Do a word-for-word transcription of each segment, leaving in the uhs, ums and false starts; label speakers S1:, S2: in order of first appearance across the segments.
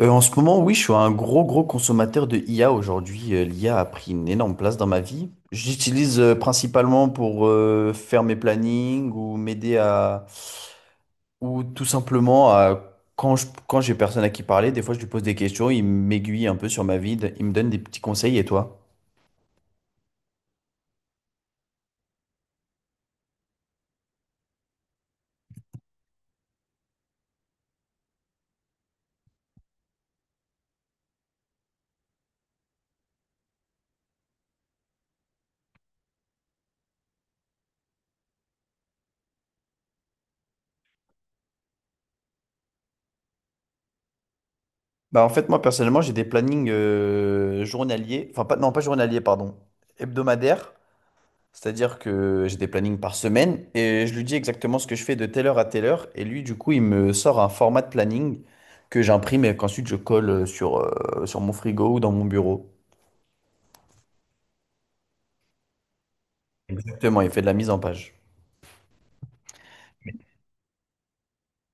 S1: Euh, en ce moment, oui, je suis un gros, gros consommateur de I A aujourd'hui. Euh, L'IA a a pris une énorme place dans ma vie. J'utilise euh, principalement pour euh, faire mes plannings ou m'aider à... ou tout simplement à... quand je... quand j'ai personne à qui parler, des fois je lui pose des questions, il m'aiguille un peu sur ma vie, il me donne des petits conseils. Et toi? Bah, en fait, moi, personnellement, j'ai des plannings euh, journaliers, enfin, pas... non, pas journaliers, pardon, hebdomadaires. C'est-à-dire que j'ai des plannings par semaine et je lui dis exactement ce que je fais de telle heure à telle heure. Et lui, du coup, il me sort un format de planning que j'imprime et qu'ensuite je colle euh, sur, euh, sur mon frigo ou dans mon bureau. Exactement, il fait de la mise en page.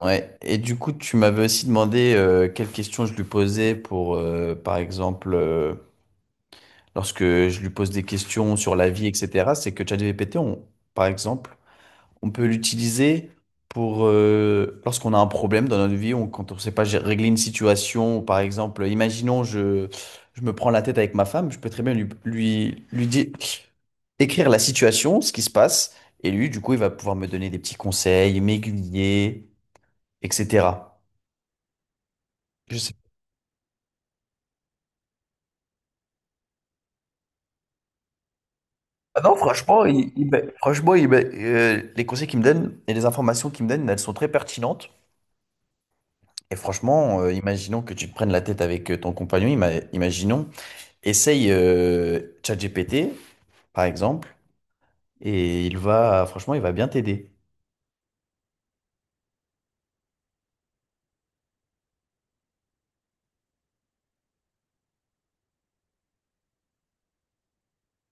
S1: Ouais. Et du coup, tu m'avais aussi demandé euh, quelles questions je lui posais pour, euh, par exemple, euh, lorsque je lui pose des questions sur la vie, et cetera. C'est que ChatGPT, on, par exemple, on peut l'utiliser pour euh, lorsqu'on a un problème dans notre vie, on, quand on ne sait pas gérer- régler une situation, ou par exemple, imaginons je, je me prends la tête avec ma femme, je peux très bien lui, lui, lui dire, écrire la situation, ce qui se passe, et lui, du coup, il va pouvoir me donner des petits conseils, m'aiguiller, et cetera. Je sais. Ah non, franchement, il- il m'a- franchement, il m'a- euh, les conseils qu'il me donne et les informations qu'il me donne, elles sont très pertinentes. Et franchement, euh, imaginons que tu te prennes la tête avec euh, ton compagnon, ima- imaginons. Essaye euh, ChatGPT, par exemple, et il va, franchement, il va bien t'aider.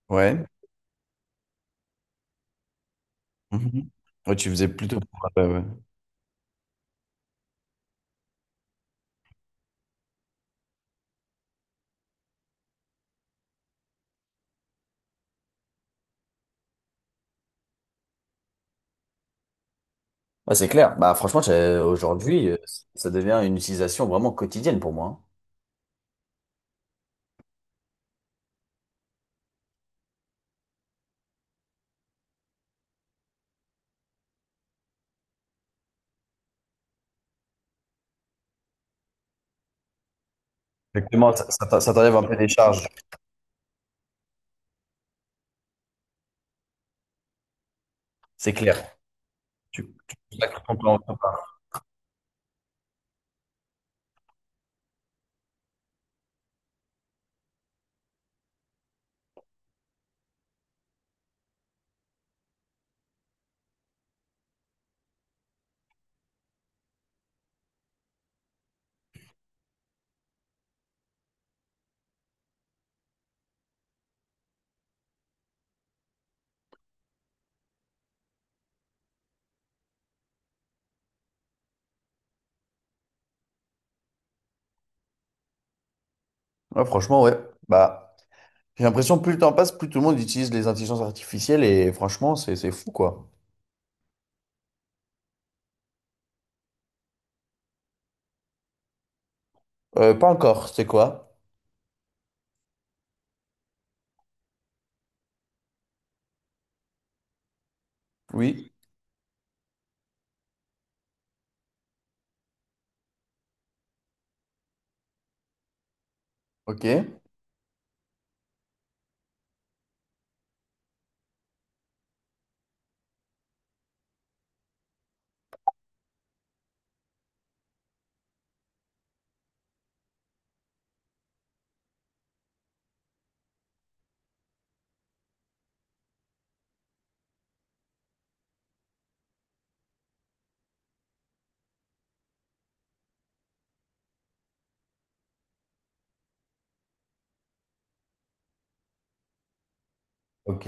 S1: Ouais. Mhm. Ouais, tu faisais plutôt. Ouais, ouais. Ouais, c'est clair. Bah, franchement, j'ai- aujourd'hui, euh, ça devient une utilisation vraiment quotidienne pour moi, hein. Exactement, ça, ça t'a- ça t'enlève un peu des charges, c'est clair. Tu, tu consacres ton temps à ça. Ouais, franchement, ouais. Bah, j'ai l'impression que plus le temps passe, plus tout le monde utilise les intelligences artificielles et franchement, c'est c'est fou, quoi. Euh, pas encore, c'est quoi? Oui, ok, ok.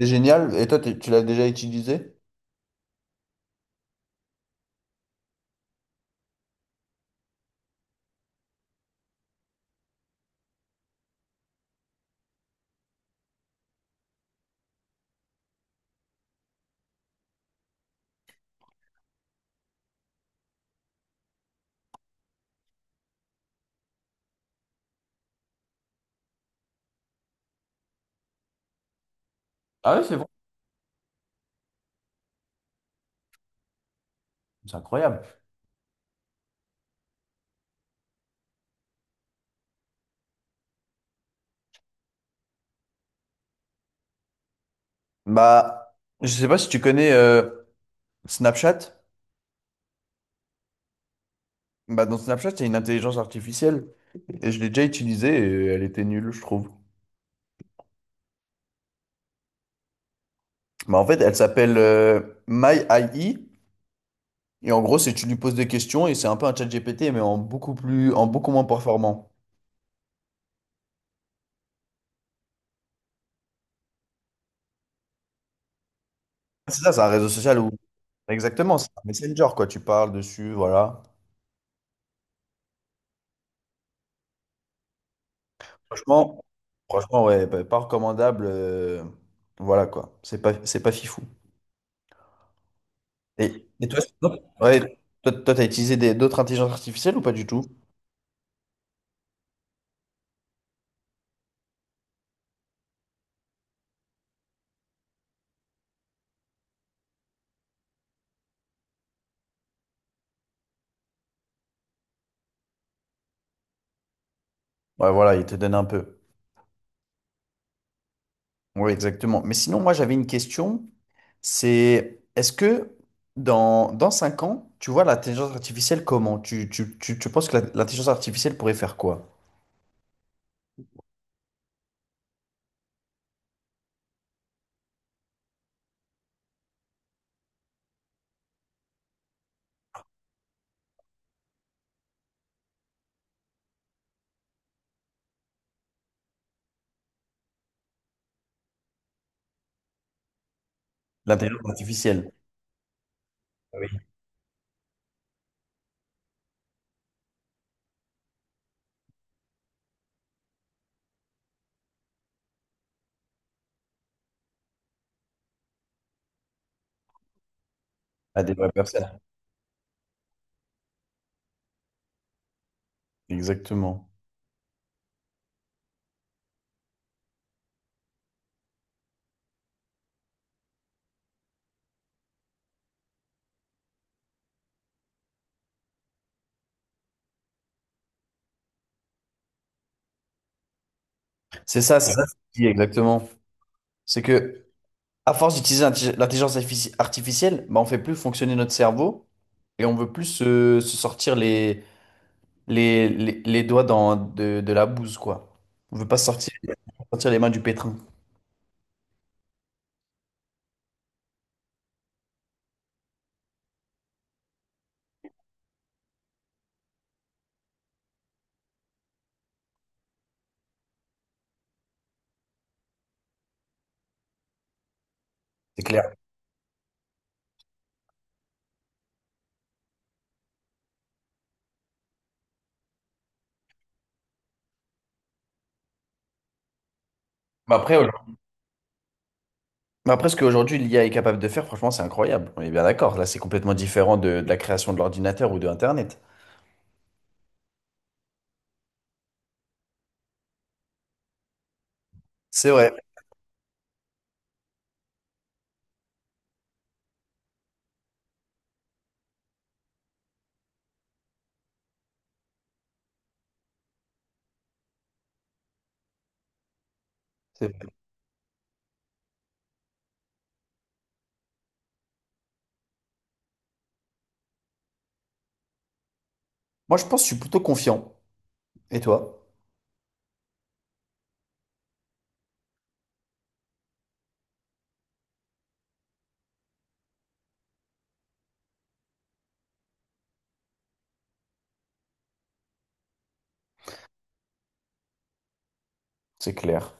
S1: C'est génial. Et toi, t'es- tu l'as déjà utilisé? Ah ouais, c'est bon. C'est incroyable. Bah, je sais pas si tu connais euh, Snapchat. Bah, dans Snapchat, il y a une intelligence artificielle. Et je l'ai déjà utilisée et elle était nulle, je trouve. Bah, en fait, elle s'appelle euh, My A I. Et en gros, c'est tu lui poses des questions et c'est un peu un chat G P T, mais en beaucoup plus, en beaucoup moins performant. C'est ça, c'est un réseau social où. Exactement, c'est un messenger, quoi. Tu parles dessus, voilà. Franchement, franchement, ouais, pas pas recommandable, euh, voilà quoi, c'est pas, c'est pas fifou. Et, et toi, c'est- non. Ouais, toi, toi, t'as utilisé des- d'autres intelligences artificielles ou pas du tout? Ouais, voilà, il te donne un peu. Oui, exactement. Mais sinon, moi, j'avais une question. C'est, est-ce que dans, dans cinq ans, tu vois l'intelligence artificielle comment? Tu, tu, tu, tu penses que la- l'intelligence artificielle pourrait faire quoi? L'intelligence artificielle. Ah oui. À des vraies personnes. Exactement. C'est ça, c'est ça, ce que je dis, exactement. C'est que à force d'utiliser l'inti- l'intelligence artifici- artificielle, bah, on fait plus fonctionner notre cerveau et on veut plus se, se sortir les, les, les, les doigts dans, de, de la bouse, quoi. On veut pas sortir, sortir les mains du pétrin, c'est clair. Mais après, aujourd'hui- mais après, ce qu'aujourd'hui l'I A est capable de faire, franchement, c'est incroyable. On est bien d'accord. Là, c'est complètement différent de, de, la création de l'ordinateur ou de Internet. C'est vrai. C'est- Moi, je pense que je suis plutôt confiant. Et toi? C'est clair.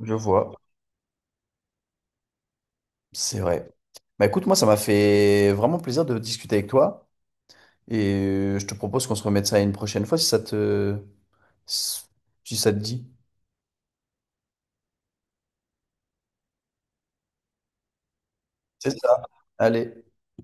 S1: Je vois. C'est vrai. Bah écoute, moi, ça m'a fait vraiment plaisir de discuter avec toi. Et euh, je te propose qu'on se remette ça une prochaine fois si ça te, si ça te dit. C'est ça. Allez.